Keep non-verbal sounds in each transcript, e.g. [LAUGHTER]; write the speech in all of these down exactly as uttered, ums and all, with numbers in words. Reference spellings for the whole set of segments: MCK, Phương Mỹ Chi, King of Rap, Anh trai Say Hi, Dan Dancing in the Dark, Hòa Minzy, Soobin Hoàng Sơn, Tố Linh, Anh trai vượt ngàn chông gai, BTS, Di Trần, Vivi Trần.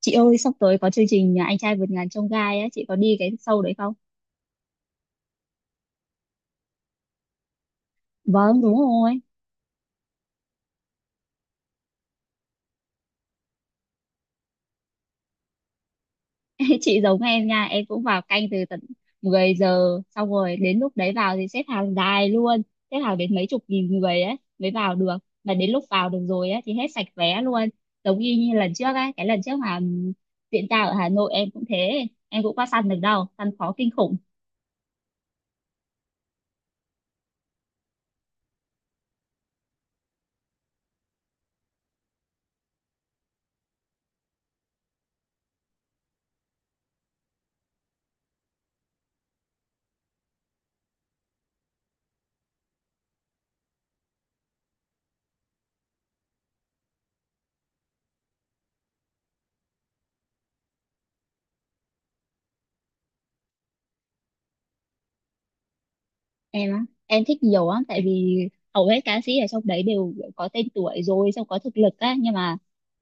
Chị ơi, sắp tới có chương trình Anh trai vượt ngàn chông gai á, chị có đi cái show đấy không? Vâng, đúng rồi. [LAUGHS] Chị giống em nha, em cũng vào canh từ tận mười giờ, xong rồi đến lúc đấy vào thì xếp hàng dài luôn, xếp hàng đến mấy chục nghìn người ấy mới vào được. Mà đến lúc vào được rồi á thì hết sạch vé luôn. Giống y như lần trước ấy, cái lần trước mà ừm, diễn ra ở Hà Nội em cũng thế, em cũng qua săn được đâu, săn khó kinh khủng. Em á em thích nhiều á tại vì hầu hết ca sĩ ở trong đấy đều có tên tuổi rồi xong có thực lực á, nhưng mà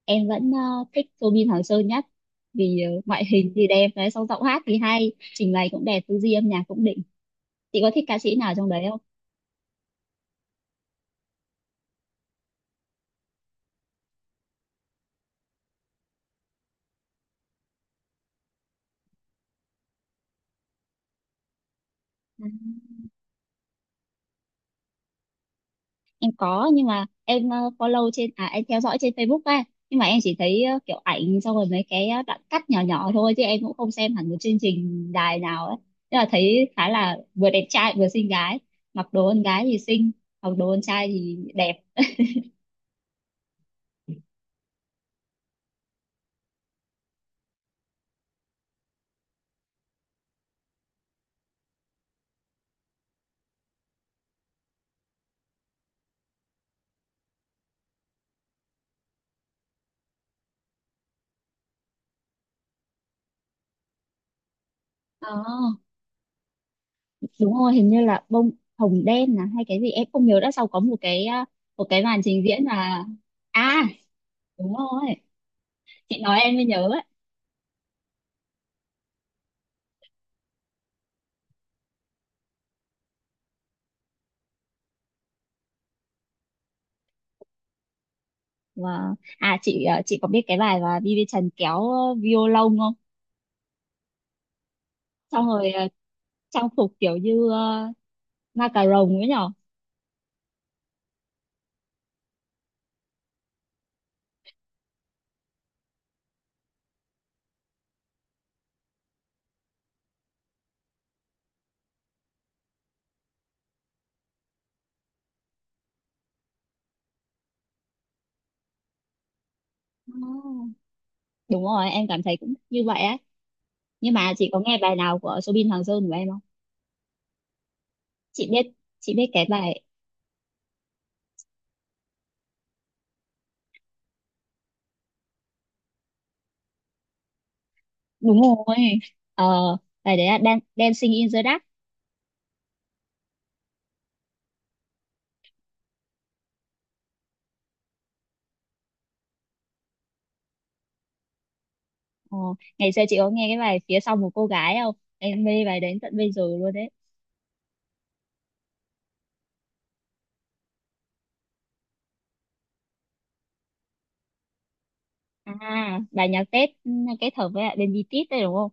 em vẫn ờ, thích Soobin Hoàng Sơn nhất, vì ờ, ngoại hình thì đẹp đấy, xong giọng hát thì hay, trình bày cũng đẹp, tư duy âm nhạc cũng đỉnh. Chị có thích ca sĩ nào trong đấy không? Em có, nhưng mà em ờ, follow trên à em theo dõi trên Facebook ấy, nhưng mà em chỉ thấy ờ, kiểu ảnh, xong rồi mấy cái ờ, đoạn cắt nhỏ nhỏ thôi, chứ em cũng không xem hẳn một chương trình đài nào ấy, nhưng mà thấy khá là vừa đẹp trai vừa xinh gái, mặc đồ con gái thì xinh, mặc đồ con trai thì đẹp. Ờ, đúng rồi, hình như là bông hồng đen là hay cái gì em không nhớ, đã sau có một cái ờ, một cái màn trình diễn là à đúng rồi, chị nói em mới nhớ ấy. Và à, chị ờ, chị có biết cái bài mà Vivi Trần kéo ờ, violon không? Xong rồi ờ, trang phục kiểu như ờ, ma cà rồng ấy nhở. Ồ, đúng rồi em cảm thấy cũng như vậy á, nhưng mà chị có nghe bài nào của Soobin Hoàng Sơn của em không? Chị biết chị biết cái bài đúng rồi ờ bài đấy là Dan Dancing in the Dark. ờ, Ngày xưa chị có nghe cái bài phía sau một cô gái không, em mê bài đến tận bây giờ luôn đấy. À bài nhạc Tết, ừ, kết hợp với lại bên bi ti ét đấy đúng không?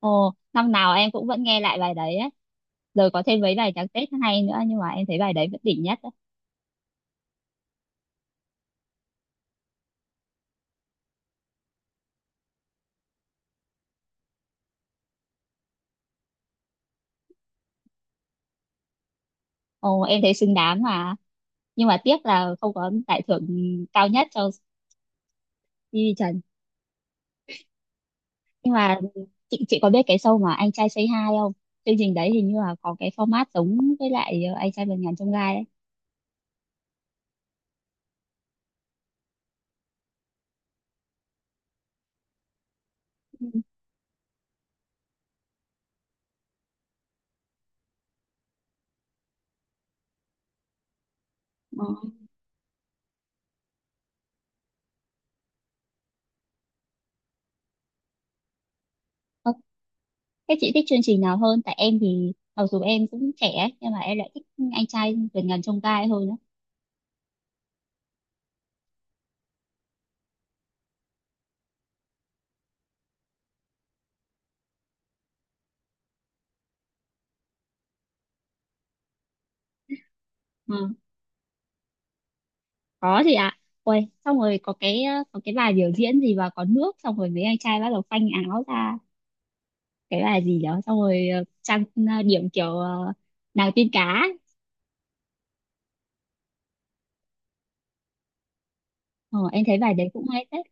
Ồ năm nào em cũng vẫn nghe lại bài đấy á, rồi có thêm mấy bài nhạc Tết hay nữa, nhưng mà em thấy bài đấy vẫn đỉnh nhất. Ồ, em thấy xứng đáng mà. Nhưng mà tiếc là không có giải thưởng cao nhất cho Di Trần. Nhưng mà chị, chị có biết cái show mà Anh trai Say Hi không? Chương trình đấy hình như là có cái format giống với lại ờ, Anh trai vượt ngàn chông gai ấy. Ừ. Ờ, thế chị thích chương trình nào hơn? Tại em thì mặc dù em cũng trẻ ấy, nhưng mà em lại thích Anh trai vượt ngàn chông gai hơn á. Ừ. Có gì ạ? Ôi, xong rồi có cái ờ, có cái bài biểu diễn gì mà có nước, xong rồi mấy anh trai bắt đầu phanh áo ra, cái bài gì đó, xong rồi ờ, trang ờ, điểm kiểu ờ, nàng tiên cá ấy. Ờ, em thấy bài đấy cũng hay phết.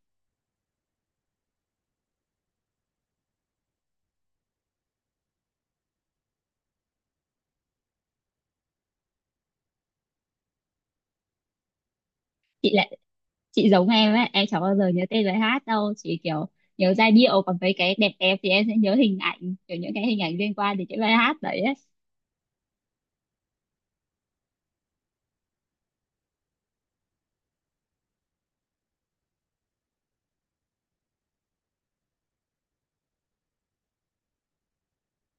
chị lại chị giống em ấy, em chẳng bao giờ nhớ tên bài hát đâu, chỉ kiểu nhớ giai điệu, còn mấy cái đẹp đẹp thì em sẽ nhớ hình ảnh, kiểu những cái hình ảnh liên quan đến cái bài hát đấy ấy.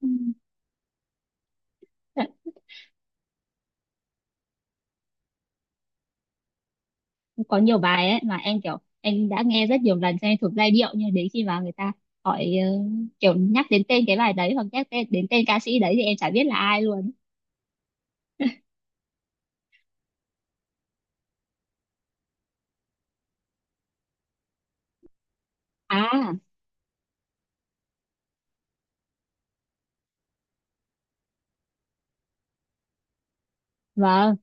Ừ. Thật, có nhiều bài ấy mà em kiểu em đã nghe rất nhiều lần cho em thuộc giai điệu, nhưng đến khi mà người ta hỏi ờ, kiểu nhắc đến tên cái bài đấy, hoặc nhắc tên đến tên ca sĩ đấy, thì em chả biết là ai luôn. À vâng,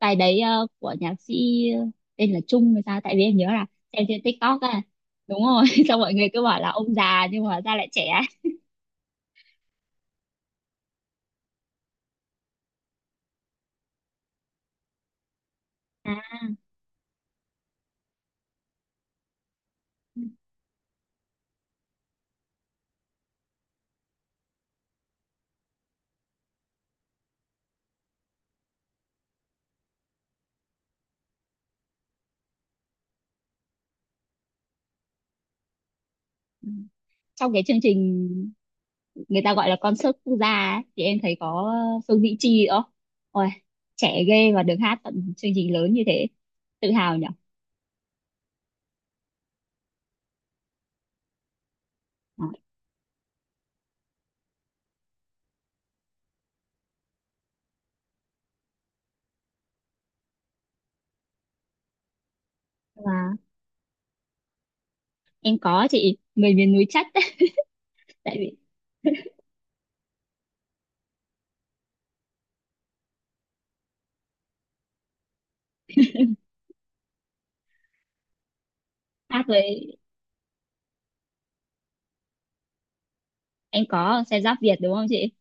bài đấy ờ, của nhạc sĩ ờ, tên là Trung hay sao, tại vì em nhớ là xem trên TikTok. À đúng rồi [LAUGHS] xong mọi người cứ bảo là ông già nhưng mà hóa ra lại trẻ. À ừ, ừ. Trong cái chương trình người ta gọi là concert quốc gia ấy, thì em thấy có ờ, Phương Mỹ Chi đó, ôi trẻ ghê, và được hát tận chương trình lớn như thế, tự hào nhỉ. Đó. Và em có, chị, người miền núi chắc. [LAUGHS] Tại vì hát với em có xe giáp Việt đúng không chị?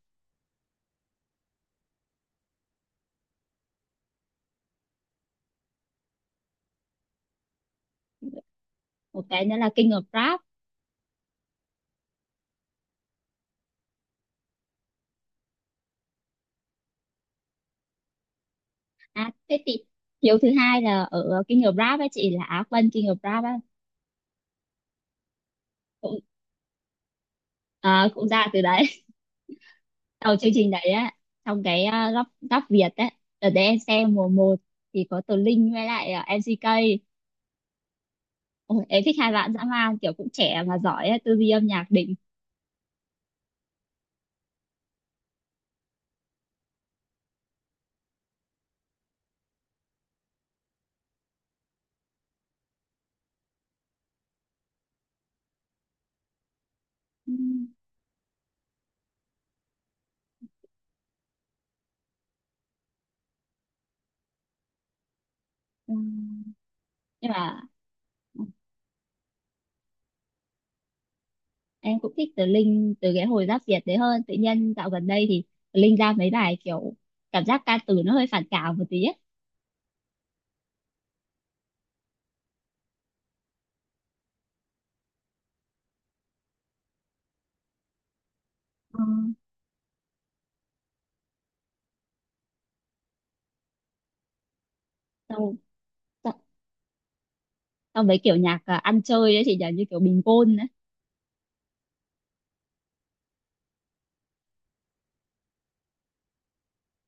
Một cái nữa là King of Rap. À, thế thì hiếu thứ hai là ở King of Rap ấy chị, là Á quân King of Rap á, cũng à, cũng ra từ đấy. [LAUGHS] Đầu chương trình đấy á, trong cái uh, góc góc Việt á, ở đấy em xem mùa một thì có Tố Linh với lại uh, em xi kay. Ôi, em thích hai bạn dã man, kiểu cũng trẻ mà giỏi á, tư duy âm nhạc đỉnh. Ừm, ừm. Nhưng mà em cũng thích Tố Linh từ cái hồi giáp Việt đấy, hơn tự nhiên dạo gần đây thì Tố Linh ra mấy bài kiểu cảm giác ca từ nó hơi phản cảm một tí á. Ừ. Xong- xong mấy kiểu nhạc à, ăn chơi ấy chị nhỉ, như kiểu bình gôn đấy.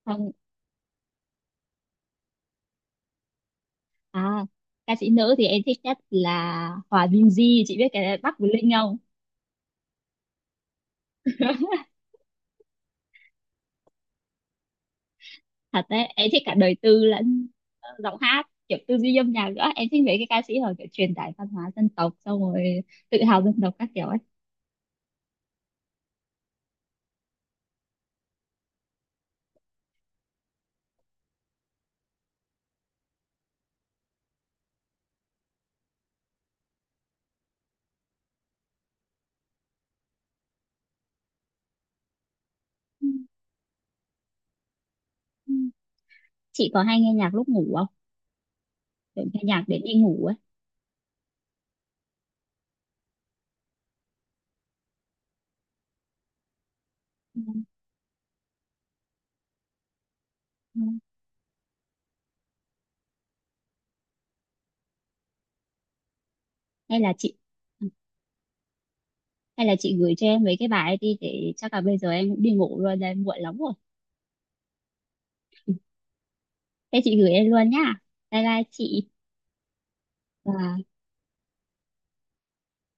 Xong à, ca sĩ nữ thì em thích nhất là Hòa Minzy, chị biết cái Bắc với Linh không? Thật đấy, em thích cả đời tư lẫn ờ, giọng hát, kiểu tư duy âm nhạc nữa, em thích mấy cái ca sĩ họ kiểu truyền tải văn hóa dân tộc, xong rồi tự hào dân tộc các kiểu ấy. Ừ, ừ. Chị có hay nghe nhạc lúc ngủ không, kiểu nghe nhạc để đi ngủ ấy? Ừ, ừ. hay là chị hay là chị gửi cho em mấy cái bài ấy đi, để chắc là bây giờ em cũng đi ngủ rồi đây, muộn lắm rồi. Thế chị gửi em luôn nhá. Bye bye chị. Và